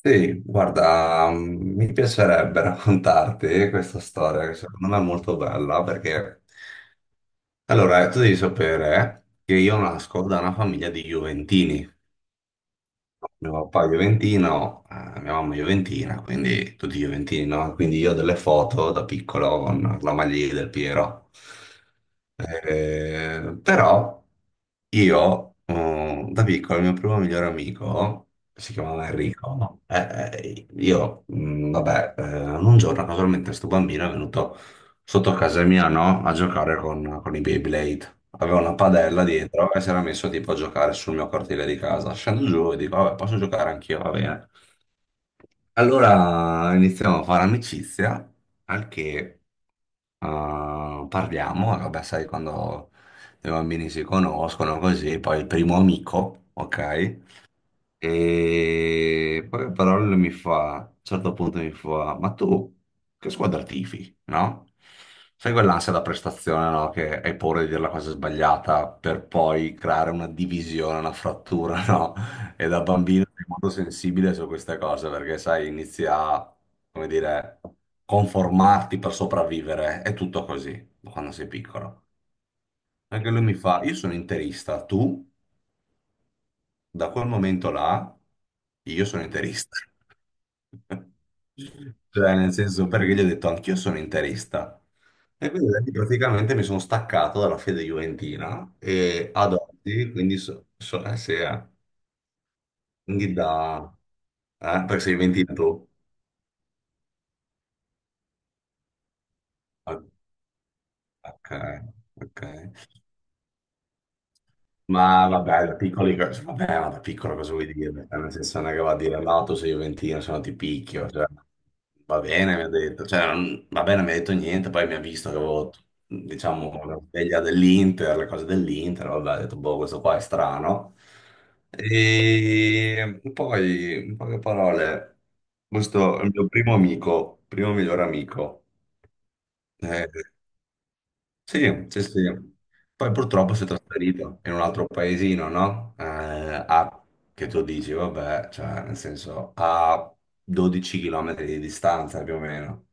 Sì, guarda, mm, mi piacerebbe raccontarti questa storia che secondo me è molto bella perché, allora, tu devi sapere che io nasco da una famiglia di Juventini. Mio papà è Juventino, mia mamma è Juventina, quindi tutti Juventini, no? Quindi io ho delle foto da piccolo con la maglia del Piero. Però io, da piccolo, il mio primo migliore amico, si chiamava Enrico, no? Io, vabbè, un giorno casualmente sto bambino è venuto sotto casa mia, no? A giocare con i Beyblade. Aveva una padella dietro e si era messo tipo a giocare sul mio cortile di casa. Scendo giù e dico, vabbè, posso giocare anch'io, va bene. Allora iniziamo a fare amicizia, al che parliamo, e vabbè, sai, quando i bambini si conoscono così, poi il primo amico, ok? E poi a parole mi fa, a un certo punto mi fa, ma tu che squadra tifi, no? Sai quell'ansia da prestazione, no? Che hai paura di dire la cosa sbagliata per poi creare una divisione, una frattura, no? E da bambino sei molto sensibile su queste cose perché, sai, inizi a, come dire, conformarti per sopravvivere. È tutto così quando sei piccolo. Anche lui mi fa, io sono interista, tu? Da quel momento là io sono interista. Cioè, nel senso, perché gli ho detto anch'io sono interista. E quindi da lì praticamente mi sono staccato dalla fede juventina e ad oggi, quindi, sì, eh. Quindi da... perché sei juventino tu? Ah, ok, ok. Ma vabbè, da piccoli, vabbè, ma da piccolo cosa vuoi dire? Cioè, nel senso non è che va a dire no, tu sei Juventino, se no ti picchio. Cioè, va bene, mi ha detto, cioè, va bene, mi ha detto niente, poi mi ha visto che avevo, diciamo, la sveglia dell'Inter, le cose dell'Inter, vabbè, ha detto, boh, questo qua è strano. E poi, in poche parole, questo è il mio primo amico, primo miglior amico. Eh, sì, sì, sì. Poi purtroppo si è trasferito in un altro paesino, no? A, che tu dici, vabbè, cioè, nel senso, a 12 km di distanza più o meno,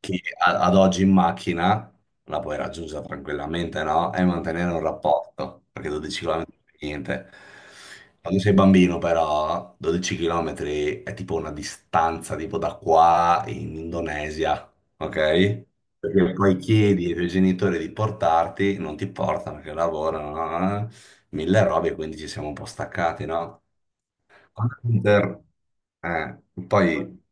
che ad oggi in macchina la puoi raggiungere tranquillamente, no? E mantenere un rapporto, perché 12 km non è niente. Quando sei bambino, però, 12 km è tipo una distanza tipo da qua in Indonesia, ok? Perché poi chiedi ai tuoi genitori di portarti, non ti portano perché lavorano, mille robe, quindi ci siamo un po' staccati, no? Computer, eh, poi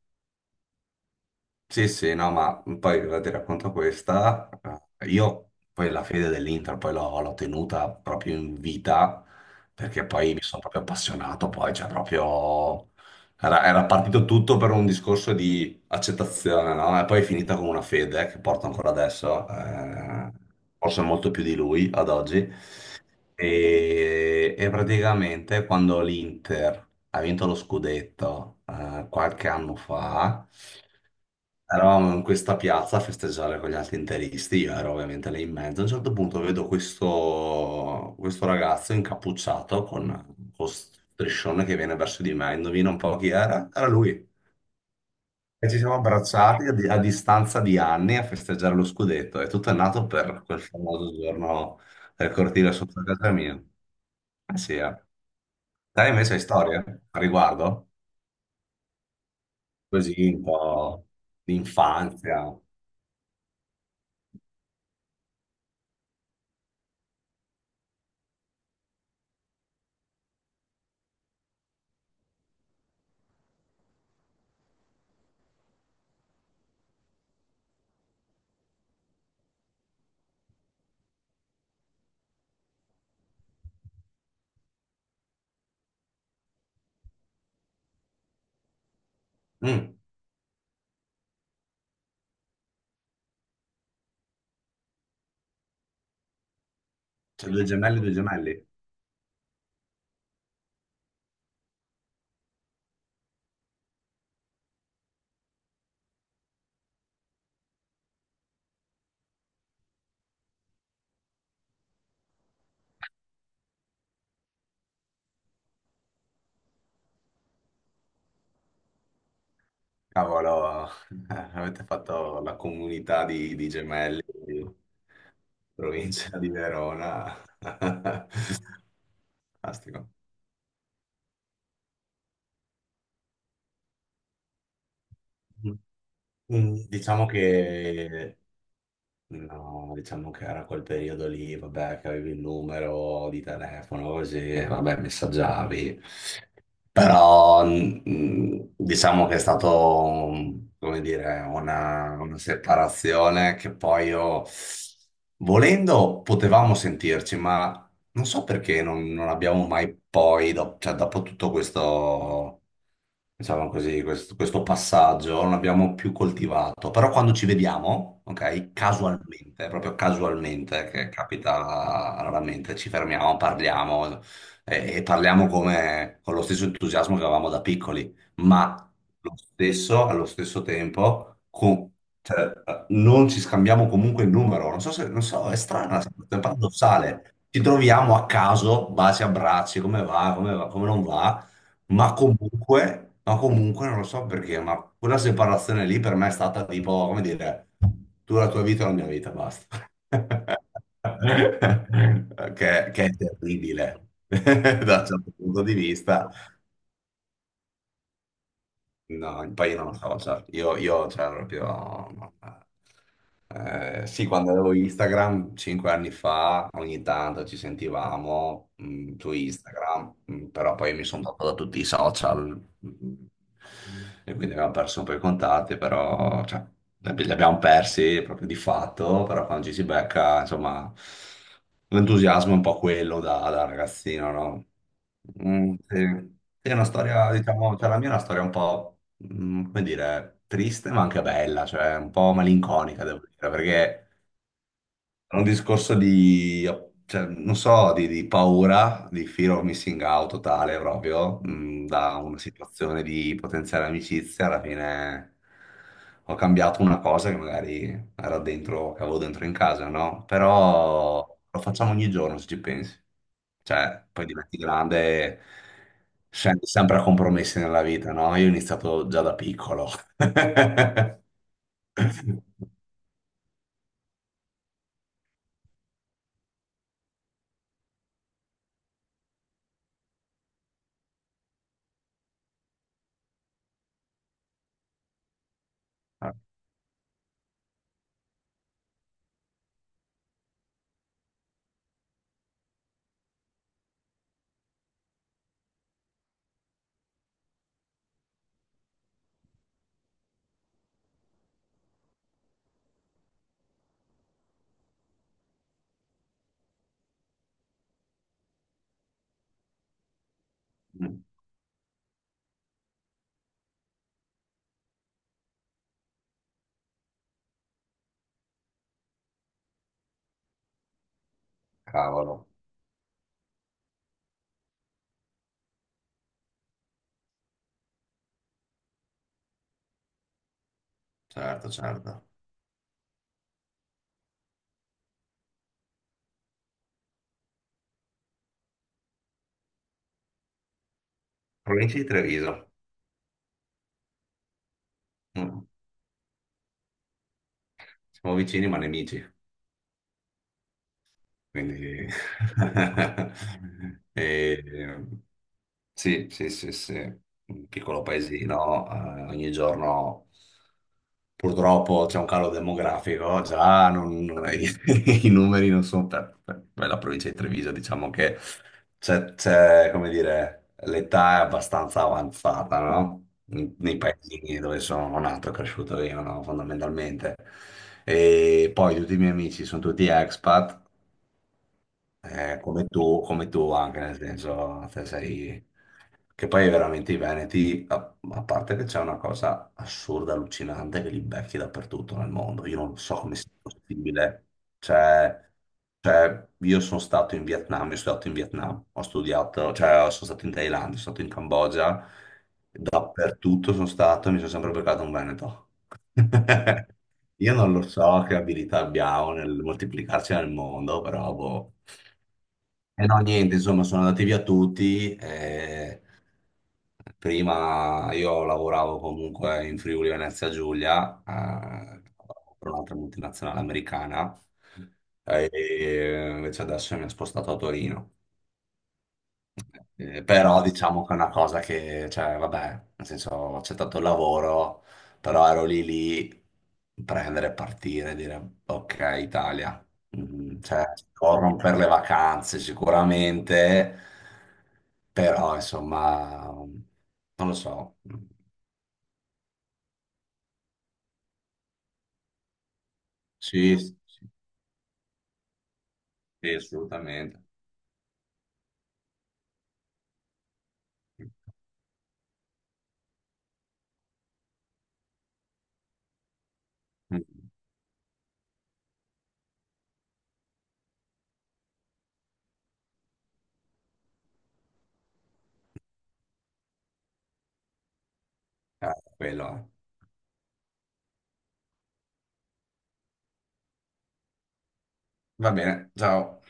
sì, sì, no, ma poi ora ti racconto questa. Io poi la fede dell'Inter poi l'ho tenuta proprio in vita perché poi mi sono proprio appassionato, poi cioè proprio... Era partito tutto per un discorso di accettazione, no? E poi è finita con una fede che porto ancora adesso, forse molto più di lui ad oggi. E praticamente quando l'Inter ha vinto lo scudetto qualche anno fa... Eravamo in questa piazza a festeggiare con gli altri interisti, io ero ovviamente lì in mezzo. A un certo punto vedo questo ragazzo incappucciato con striscione che viene verso di me. Indovina un po' chi era? Era lui. E ci siamo abbracciati a distanza di anni a festeggiare lo scudetto. E tutto è nato per quel famoso giorno del cortile sotto casa mia. Eh sì, eh. Te invece hai storie a riguardo? Così un po' di infanzia. Mm, c'è due gemelli, due gemelli. Cavolo, avete fatto la comunità di gemelli, di provincia di Verona. Fantastico. Mm, diciamo che no, diciamo che era quel periodo lì, vabbè, che avevi il numero di telefono, così, vabbè, messaggiavi. Però, diciamo che è stato, come dire, una separazione che poi io, volendo, potevamo sentirci, ma non so perché non abbiamo mai poi, cioè, dopo tutto questo diciamo così, questo passaggio non l'abbiamo più coltivato, però quando ci vediamo, ok, casualmente, proprio casualmente, che capita raramente, ci fermiamo, parliamo e, parliamo come, con lo stesso entusiasmo che avevamo da piccoli, ma lo stesso, allo stesso tempo, cioè, non ci scambiamo comunque il numero, non so se, non so, è strana, è paradossale. Ci troviamo a caso, baci, abbracci, come va, come va, come non va. Ma comunque, non lo so perché, ma quella separazione lì per me è stata tipo, come dire, tu la tua vita, la mia vita, basta. Che è terribile da un certo punto di vista. No, poi io non lo so, cioè, io cioè, proprio... no. Sì, quando avevo Instagram, 5 anni fa, ogni tanto ci sentivamo mm, su Instagram. Mm, però poi mi sono tolto da tutti i social mm, e quindi abbiamo perso un po' i contatti, però cioè, li abbiamo persi proprio di fatto, però quando ci si becca, insomma, l'entusiasmo è un po' quello da, da ragazzino, no? Mm, sì. Sì, è una storia, diciamo, cioè la mia è una storia un po', come dire, triste ma anche bella, cioè un po' malinconica, devo dire, perché... È un discorso di, cioè, non so, di paura, di fear of missing out totale proprio, da una situazione di potenziale amicizia, alla fine ho cambiato una cosa che magari era dentro, che avevo dentro in casa, no? Però lo facciamo ogni giorno se ci pensi. Cioè, poi diventi grande e scendi sempre a compromessi nella vita, no? Io ho iniziato già da piccolo. Ah, mm, cavolo, certo, certo. Provincia di Treviso. Mm. Siamo vicini ma nemici. Quindi... e- sì, sì, sì, sì. Un piccolo paesino, ogni giorno purtroppo c'è un calo demografico, già i numeri non sono per, per la provincia di Treviso, diciamo che c'è, come dire, l'età è abbastanza avanzata, no? Nei paesini dove sono nato e cresciuto io, no? Fondamentalmente. E poi tutti i miei amici sono tutti expat come tu anche, nel senso, te sei... Che poi veramente i Veneti, a, a parte che c'è una cosa assurda, allucinante, che li becchi dappertutto nel mondo. Io non so come sia possibile. Cioè, cioè, io sono stato in Vietnam, ho studiato, cioè, sono stato in Thailandia, sono stato in Cambogia, dappertutto sono stato e mi sono sempre beccato un Veneto. Io non lo so che abilità abbiamo nel moltiplicarci nel mondo, però boh. E no, niente, insomma, sono andati via tutti. Eh, prima io lavoravo comunque in Friuli Venezia Giulia, per un'altra multinazionale americana, e invece adesso mi ha spostato a Torino. Però diciamo che è una cosa che, cioè, vabbè, nel senso, ho accettato il lavoro, però ero lì lì, prendere, partire, dire, ok, Italia, cioè, corrono per le vacanze sicuramente, però, insomma, non lo so. Sì, sì, sì, assolutamente. Mm, quello. È. Va bene, ciao.